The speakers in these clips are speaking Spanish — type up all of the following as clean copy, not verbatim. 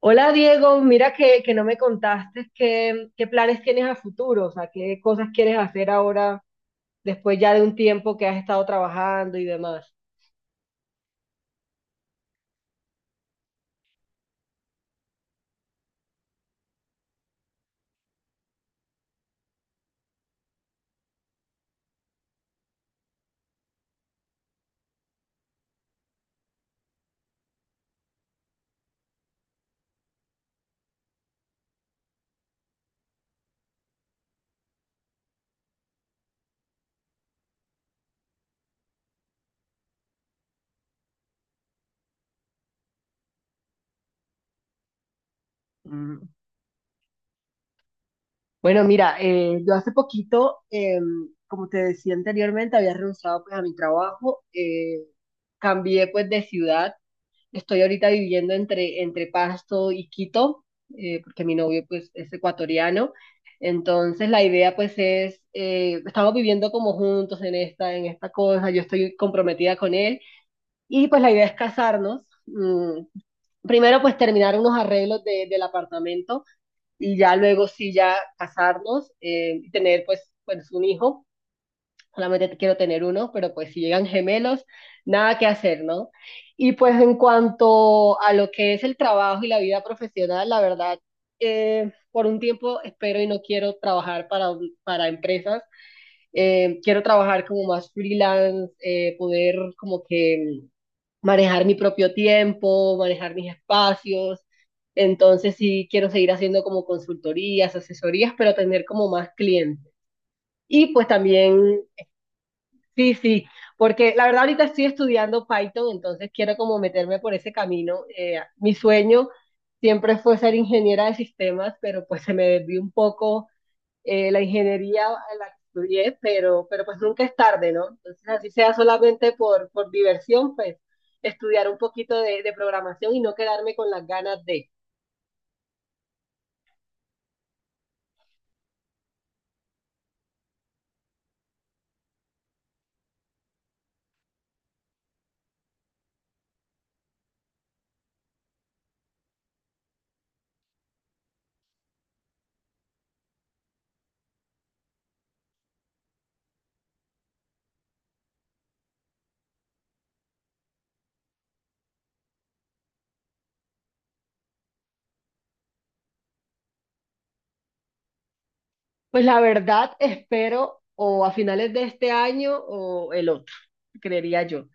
Hola Diego, mira que no me contaste qué planes tienes a futuro, o sea, qué cosas quieres hacer ahora después ya de un tiempo que has estado trabajando y demás. Mm, Bueno, mira, yo hace poquito, como te decía anteriormente, había renunciado pues a mi trabajo, cambié pues de ciudad. Estoy ahorita viviendo entre Pasto y Quito, porque mi novio pues es ecuatoriano. Entonces la idea pues es, estamos viviendo como juntos en esta cosa, yo estoy comprometida con él y pues la idea es casarnos. Primero pues terminar unos arreglos del apartamento y ya luego sí ya casarnos y tener pues, pues un hijo. Solamente quiero tener uno, pero pues si llegan gemelos, nada que hacer, ¿no? Y pues en cuanto a lo que es el trabajo y la vida profesional, la verdad, por un tiempo espero y no quiero trabajar para empresas. Quiero trabajar como más freelance, poder como que manejar mi propio tiempo, manejar mis espacios. Entonces sí quiero seguir haciendo como consultorías, asesorías, pero tener como más clientes. Y pues también sí, sí, porque la verdad ahorita estoy estudiando Python, entonces quiero como meterme por ese camino. Mi sueño siempre fue ser ingeniera de sistemas, pero pues se me desvió un poco la ingeniería en la que estudié, pero pues nunca es tarde, ¿no? Entonces así sea solamente por diversión, pues estudiar un poquito de programación y no quedarme con las ganas de... Pues la verdad, espero o a finales de este año o el otro, creería yo.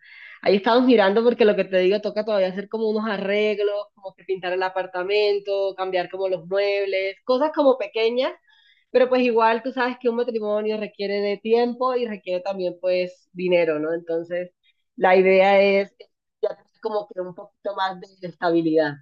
Ahí estamos mirando porque lo que te digo, toca todavía hacer como unos arreglos, como que pintar el apartamento, cambiar como los muebles, cosas como pequeñas, pero pues igual tú sabes que un matrimonio requiere de tiempo y requiere también pues dinero, ¿no? Entonces, la idea es ya tener como que un poquito más de estabilidad.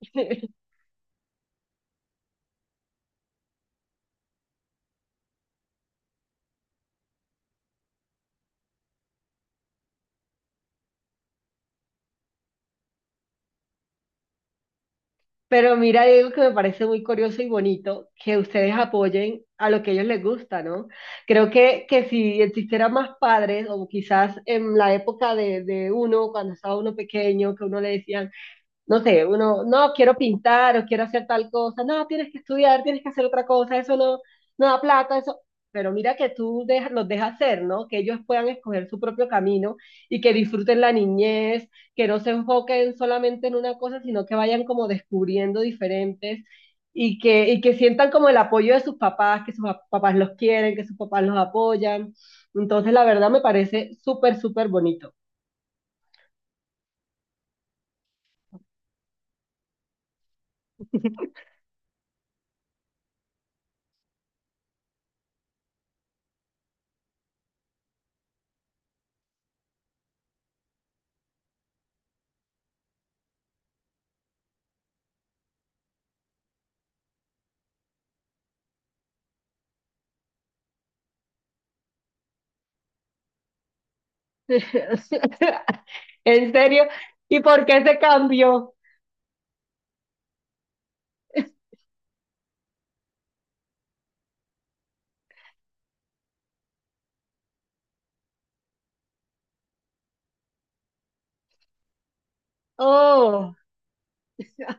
Pero mira, Diego, que me parece muy curioso y bonito que ustedes apoyen a lo que a ellos les gusta, ¿no? Creo que si existieran más padres, o quizás en la época de uno, cuando estaba uno pequeño, que uno le decían, no sé, uno, no, quiero pintar o quiero hacer tal cosa, no, tienes que estudiar, tienes que hacer otra cosa, eso no, no da plata, eso. Pero mira que tú los dejas hacer, ¿no? Que ellos puedan escoger su propio camino y que disfruten la niñez, que no se enfoquen solamente en una cosa, sino que vayan como descubriendo diferentes y que sientan como el apoyo de sus papás, que sus papás los quieren, que sus papás los apoyan. Entonces, la verdad me parece súper, súper bonito. ¿En serio? ¿Y por qué se cambió? Oh.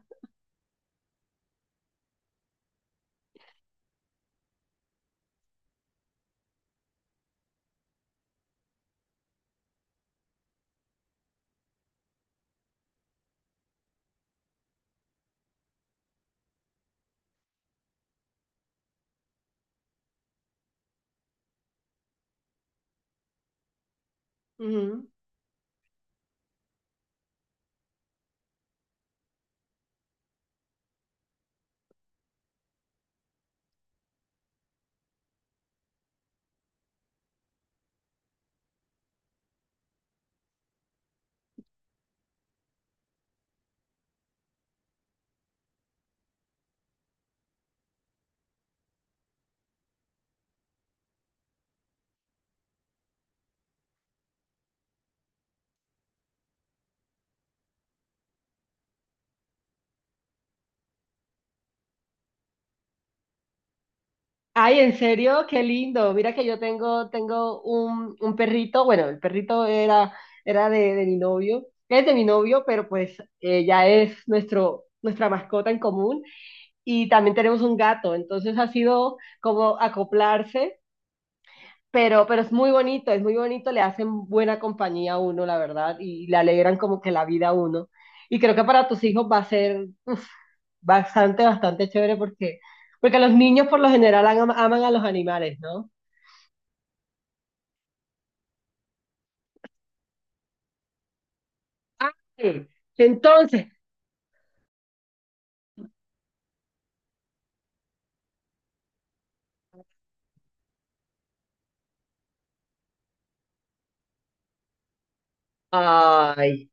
Ujú. Ay, ¿en serio? Qué lindo. Mira que yo tengo, tengo un perrito. Bueno, el perrito era, era de mi novio. Es de mi novio, pero pues ya es nuestro, nuestra mascota en común. Y también tenemos un gato. Entonces ha sido como acoplarse. Pero es muy bonito, le hacen buena compañía a uno, la verdad, y le alegran como que la vida a uno. Y creo que para tus hijos va a ser uf, bastante, bastante chévere porque, porque los niños por lo general aman a los animales, ¿no? Ay, entonces, ay,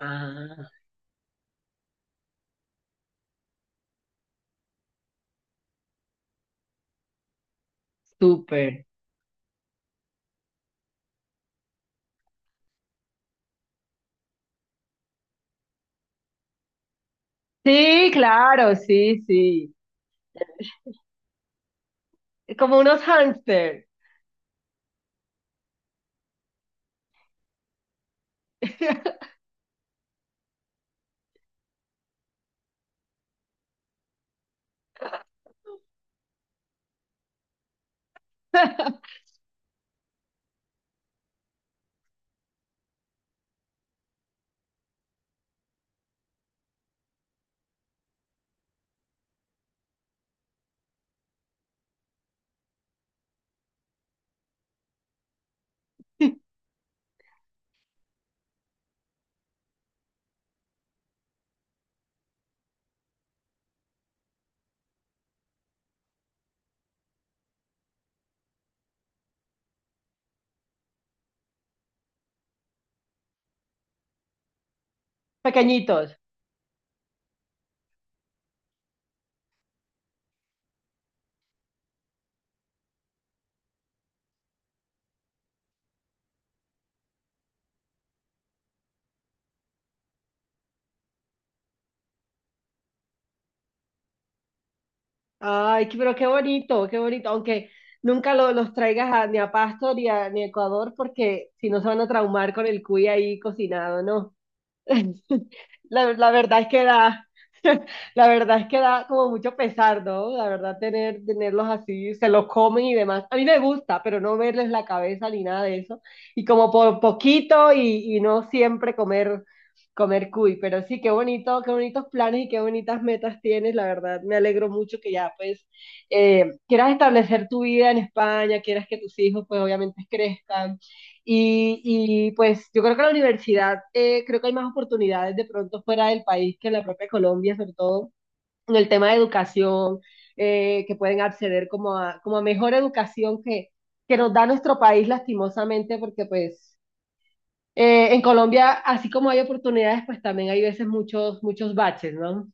ah, súper. Sí, claro, sí, sí. Como unos hámster pequeñitos. Ay, pero qué bonito, qué bonito. Aunque nunca los traigas ni a Pasto ni ni a Ecuador, porque si no se van a traumar con el cuy ahí cocinado, ¿no? La verdad es que da, la verdad es que da como mucho pesar, ¿no? La verdad tener, tenerlos así, se los comen y demás. A mí me gusta, pero no verles la cabeza ni nada de eso. Y como por poquito y no siempre comer, comer cuy. Pero sí, qué bonito, qué bonitos planes y qué bonitas metas tienes. La verdad, me alegro mucho que ya pues quieras establecer tu vida en España, quieras que tus hijos pues obviamente crezcan y, y pues yo creo que la universidad, creo que hay más oportunidades de pronto fuera del país que en la propia Colombia, sobre todo en el tema de educación, que pueden acceder como a, como a mejor educación que nos da nuestro país lastimosamente, porque pues en Colombia, así como hay oportunidades, pues también hay veces muchos, muchos baches, ¿no?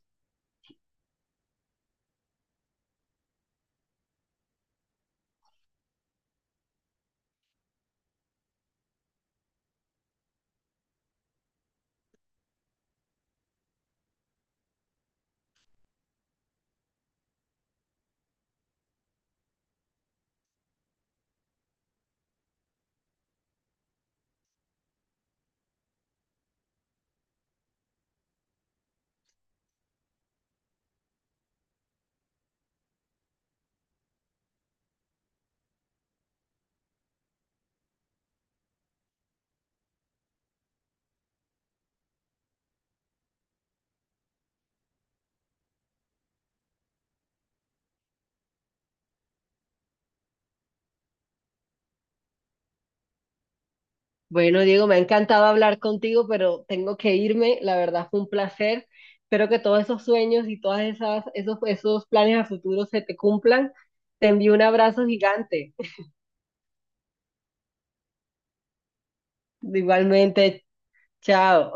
Bueno, Diego, me ha encantado hablar contigo, pero tengo que irme. La verdad fue un placer. Espero que todos esos sueños y todas esas, esos, esos planes a futuro se te cumplan. Te envío un abrazo gigante. Igualmente, chao.